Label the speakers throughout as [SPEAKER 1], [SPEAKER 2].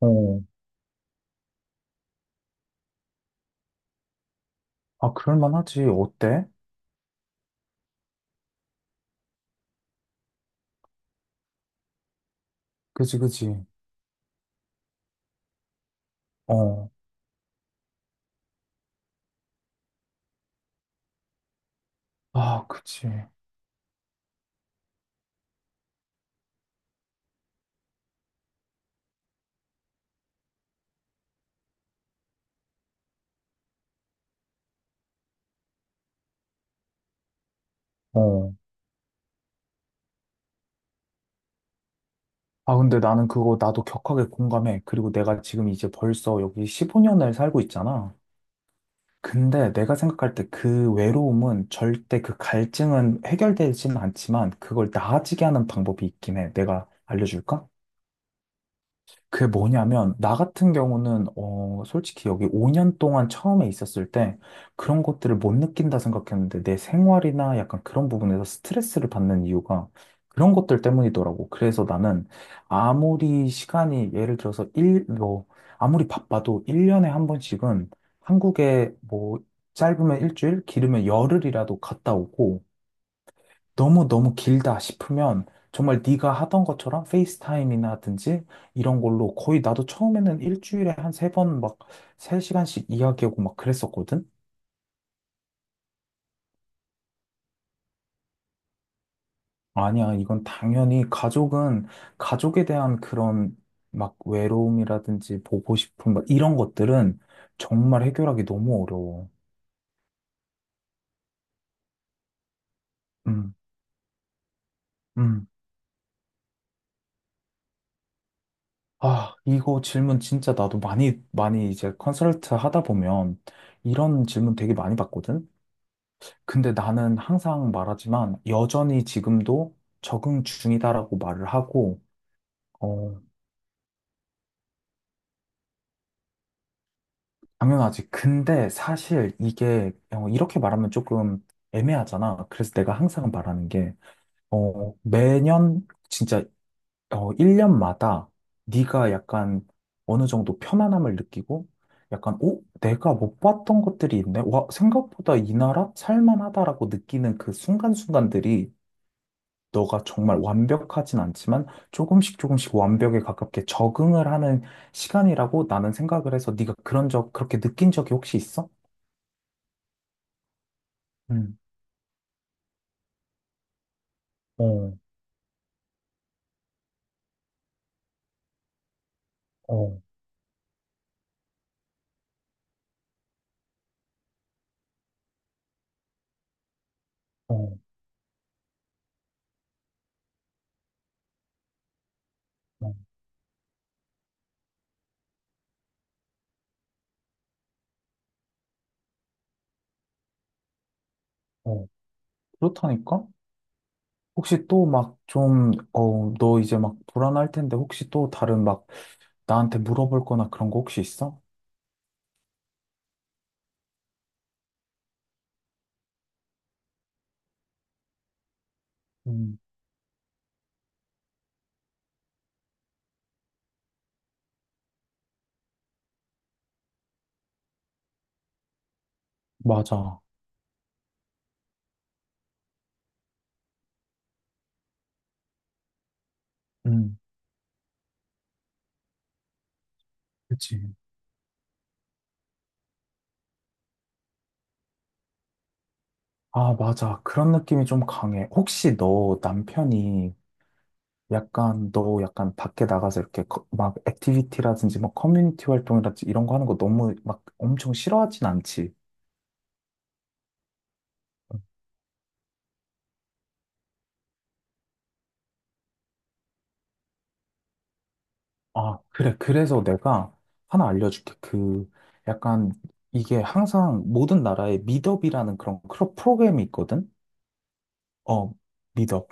[SPEAKER 1] 어. 아, 그럴만하지. 어때? 그지, 그지. 어. 아, 그지. 어. 아, 근데 나는 그거 나도 격하게 공감해. 그리고 내가 지금 이제 벌써 여기 15년을 살고 있잖아. 근데 내가 생각할 때 그 외로움은 절대 그 갈증은 해결되지는 않지만 그걸 나아지게 하는 방법이 있긴 해. 내가 알려줄까? 그게 뭐냐면, 나 같은 경우는, 솔직히 여기 5년 동안 처음에 있었을 때 그런 것들을 못 느낀다 생각했는데, 내 생활이나 약간 그런 부분에서 스트레스를 받는 이유가 그런 것들 때문이더라고. 그래서 나는 아무리 시간이, 예를 들어서 일 뭐, 아무리 바빠도 1년에 한 번씩은 한국에 뭐, 짧으면 일주일, 길으면 열흘이라도 갔다 오고, 너무너무 길다 싶으면 정말 네가 하던 것처럼 페이스타임이나 하든지 이런 걸로 거의 나도 처음에는 일주일에 한 세 번 막 세시간씩 이야기하고 막 그랬었거든? 아니야, 이건 당연히 가족은 가족에 대한 그런 막 외로움이라든지 보고 싶은 막 이런 것들은 정말 해결하기 너무 어려워. 음. 음. 아, 이거 질문 진짜 나도 많이, 많이 이제 컨설트 하다 보면 이런 질문 되게 많이 받거든? 근데 나는 항상 말하지만 여전히 지금도 적응 중이다라고 말을 하고, 어, 당연하지. 근데 사실 이게 이렇게 말하면 조금 애매하잖아. 그래서 내가 항상 말하는 게, 매년 진짜 1년마다 네가 약간 어느 정도 편안함을 느끼고, 약간, 오, 내가 못 봤던 것들이 있네. 와, 생각보다 이 나라 살만하다라고 느끼는 그 순간순간들이 너가 정말 완벽하진 않지만 조금씩 조금씩 완벽에 가깝게 적응을 하는 시간이라고 나는 생각을 해서 네가 그렇게 느낀 적이 혹시 있어? 음. 어. 어. 어. 어. 어. 그렇다니까? 혹시 또 막 좀, 너 이제 막 불안할 텐데 혹시 또 다른 막 나한테 물어볼 거나 그런 거 혹시 있어? 음, 맞아. 음. 그치. 아, 맞아. 그런 느낌이 좀 강해. 혹시 너 남편이 약간 너 약간 밖에 나가서 이렇게 막 액티비티라든지 뭐 커뮤니티 활동이라든지 이런 거 하는 거 너무 막 엄청 싫어하진 않지. 아, 그래. 그래서 내가 하나 알려줄게. 그 약간 이게 항상 모든 나라에 미덥이라는 그런 프로그램이 있거든. 어, 미덥.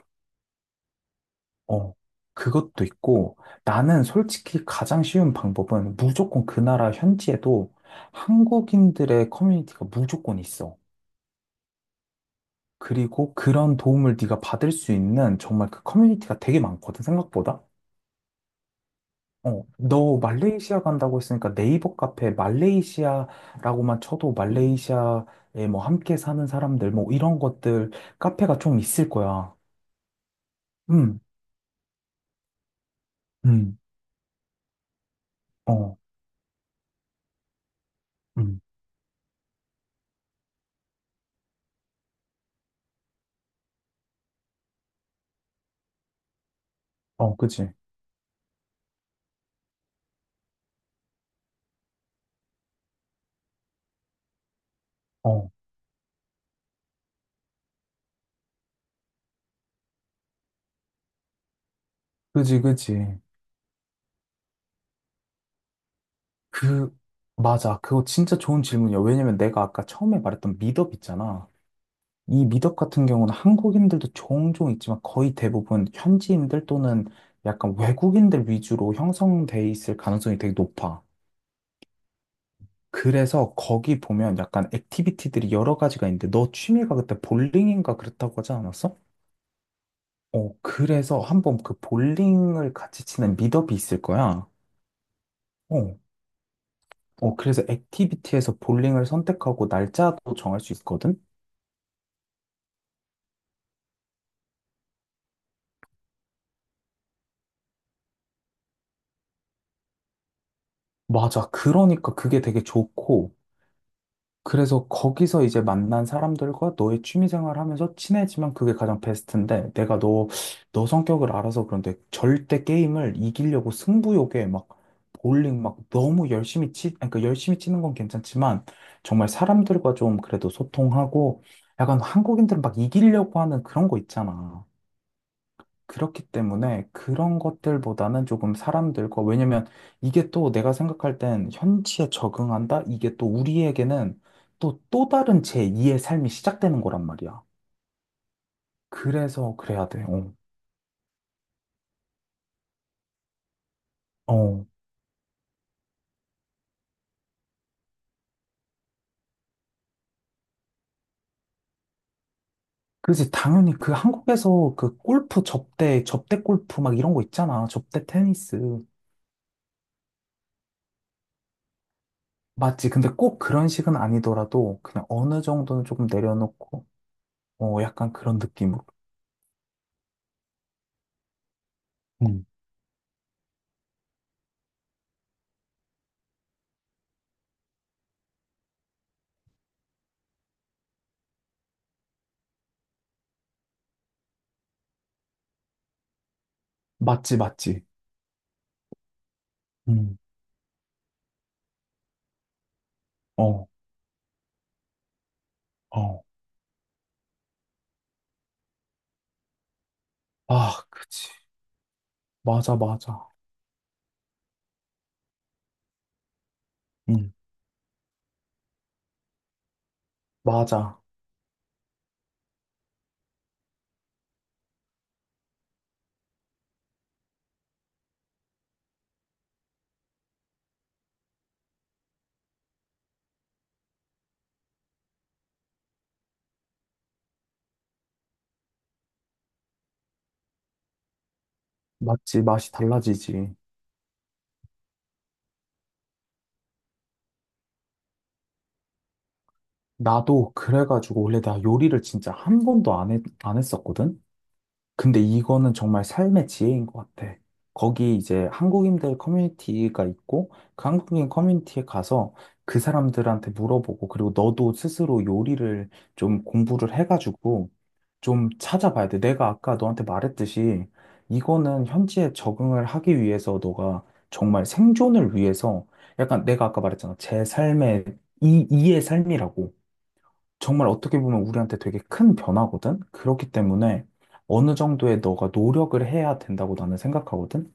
[SPEAKER 1] 어, 그것도 있고 나는 솔직히 가장 쉬운 방법은 무조건 그 나라 현지에도 한국인들의 커뮤니티가 무조건 있어. 그리고 그런 도움을 네가 받을 수 있는 정말 그 커뮤니티가 되게 많거든, 생각보다. 어, 너 말레이시아 간다고 했으니까 네이버 카페 말레이시아라고만 쳐도 말레이시아에 뭐 함께 사는 사람들 뭐 이런 것들 카페가 좀 있을 거야. 음. 음. 어. 음. 어. 그지. 어, 그지, 그지. 그, 맞아. 그거 진짜 좋은 질문이야. 왜냐면 내가 아까 처음에 말했던 미덥 있잖아. 이 미덕 같은 경우는 한국인들도 종종 있지만 거의 대부분 현지인들 또는 약간 외국인들 위주로 형성돼 있을 가능성이 되게 높아. 그래서 거기 보면 약간 액티비티들이 여러 가지가 있는데 너 취미가 그때 볼링인가 그랬다고 하지 않았어? 어, 그래서 한번 그 볼링을 같이 치는 미덕이 있을 거야. 어, 어, 그래서 액티비티에서 볼링을 선택하고 날짜도 정할 수 있거든? 맞아. 그러니까 그게 되게 좋고. 그래서 거기서 이제 만난 사람들과 너의 취미생활 하면서 친해지면 그게 가장 베스트인데 내가 너 성격을 알아서 그런데 절대 게임을 이기려고 승부욕에 막 볼링 막 너무 열심히 아니, 그러니까 열심히 치는 건 괜찮지만 정말 사람들과 좀 그래도 소통하고 약간 한국인들은 막 이기려고 하는 그런 거 있잖아. 그렇기 때문에 그런 것들보다는 조금 사람들과, 왜냐면 이게 또 내가 생각할 땐 현지에 적응한다? 이게 또 우리에게는 또, 또 다른 제2의 삶이 시작되는 거란 말이야. 그래서 그래야 돼. 어. 어. 그지. 당연히 그 한국에서 그 골프 접대, 접대 골프 막 이런 거 있잖아. 접대 테니스. 맞지. 근데 꼭 그런 식은 아니더라도 그냥 어느 정도는 조금 내려놓고, 어, 약간 그런 느낌으로. 음. 맞지, 맞지. 음. 어. 어. 아, 그치. 맞아, 맞아. 응, 맞아. 맞지, 맛이 달라지지. 나도 그래가지고 원래 나 요리를 진짜 한 번도 안 했었거든? 근데 이거는 정말 삶의 지혜인 것 같아. 거기 이제 한국인들 커뮤니티가 있고, 그 한국인 커뮤니티에 가서 그 사람들한테 물어보고, 그리고 너도 스스로 요리를 좀 공부를 해가지고 좀 찾아봐야 돼. 내가 아까 너한테 말했듯이 이거는 현지에 적응을 하기 위해서 너가 정말 생존을 위해서 약간 내가 아까 말했잖아. 이의 삶이라고. 정말 어떻게 보면 우리한테 되게 큰 변화거든? 그렇기 때문에 어느 정도의 너가 노력을 해야 된다고 나는 생각하거든?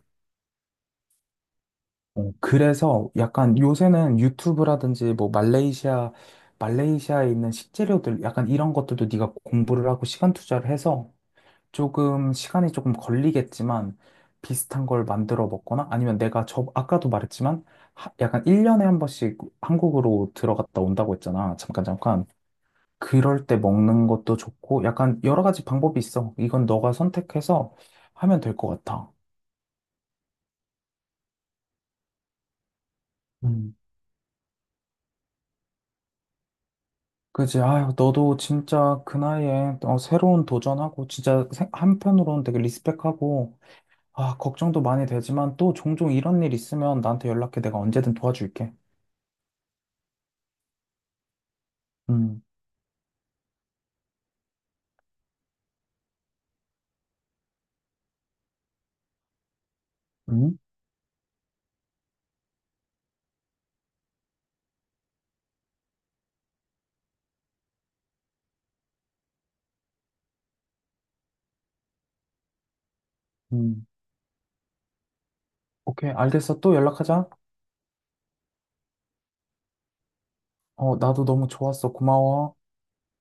[SPEAKER 1] 어, 그래서 약간 요새는 유튜브라든지 뭐 말레이시아에 있는 식재료들 약간 이런 것들도 네가 공부를 하고 시간 투자를 해서 조금 시간이 조금 걸리겠지만 비슷한 걸 만들어 먹거나 아니면 내가 아까도 말했지만 약간 1년에 한 번씩 한국으로 들어갔다 온다고 했잖아. 잠깐, 잠깐. 그럴 때 먹는 것도 좋고, 약간 여러 가지 방법이 있어. 이건 너가 선택해서 하면 될 것 같아. 음, 그지? 아유, 너도 진짜 그 나이에 새로운 도전하고, 진짜 한편으로는 되게 리스펙하고, 아, 걱정도 많이 되지만 또 종종 이런 일 있으면 나한테 연락해. 내가 언제든 도와줄게. 음. 음. 음. 오케이, 알겠어. 또 연락하자. 어, 나도 너무 좋았어. 고마워.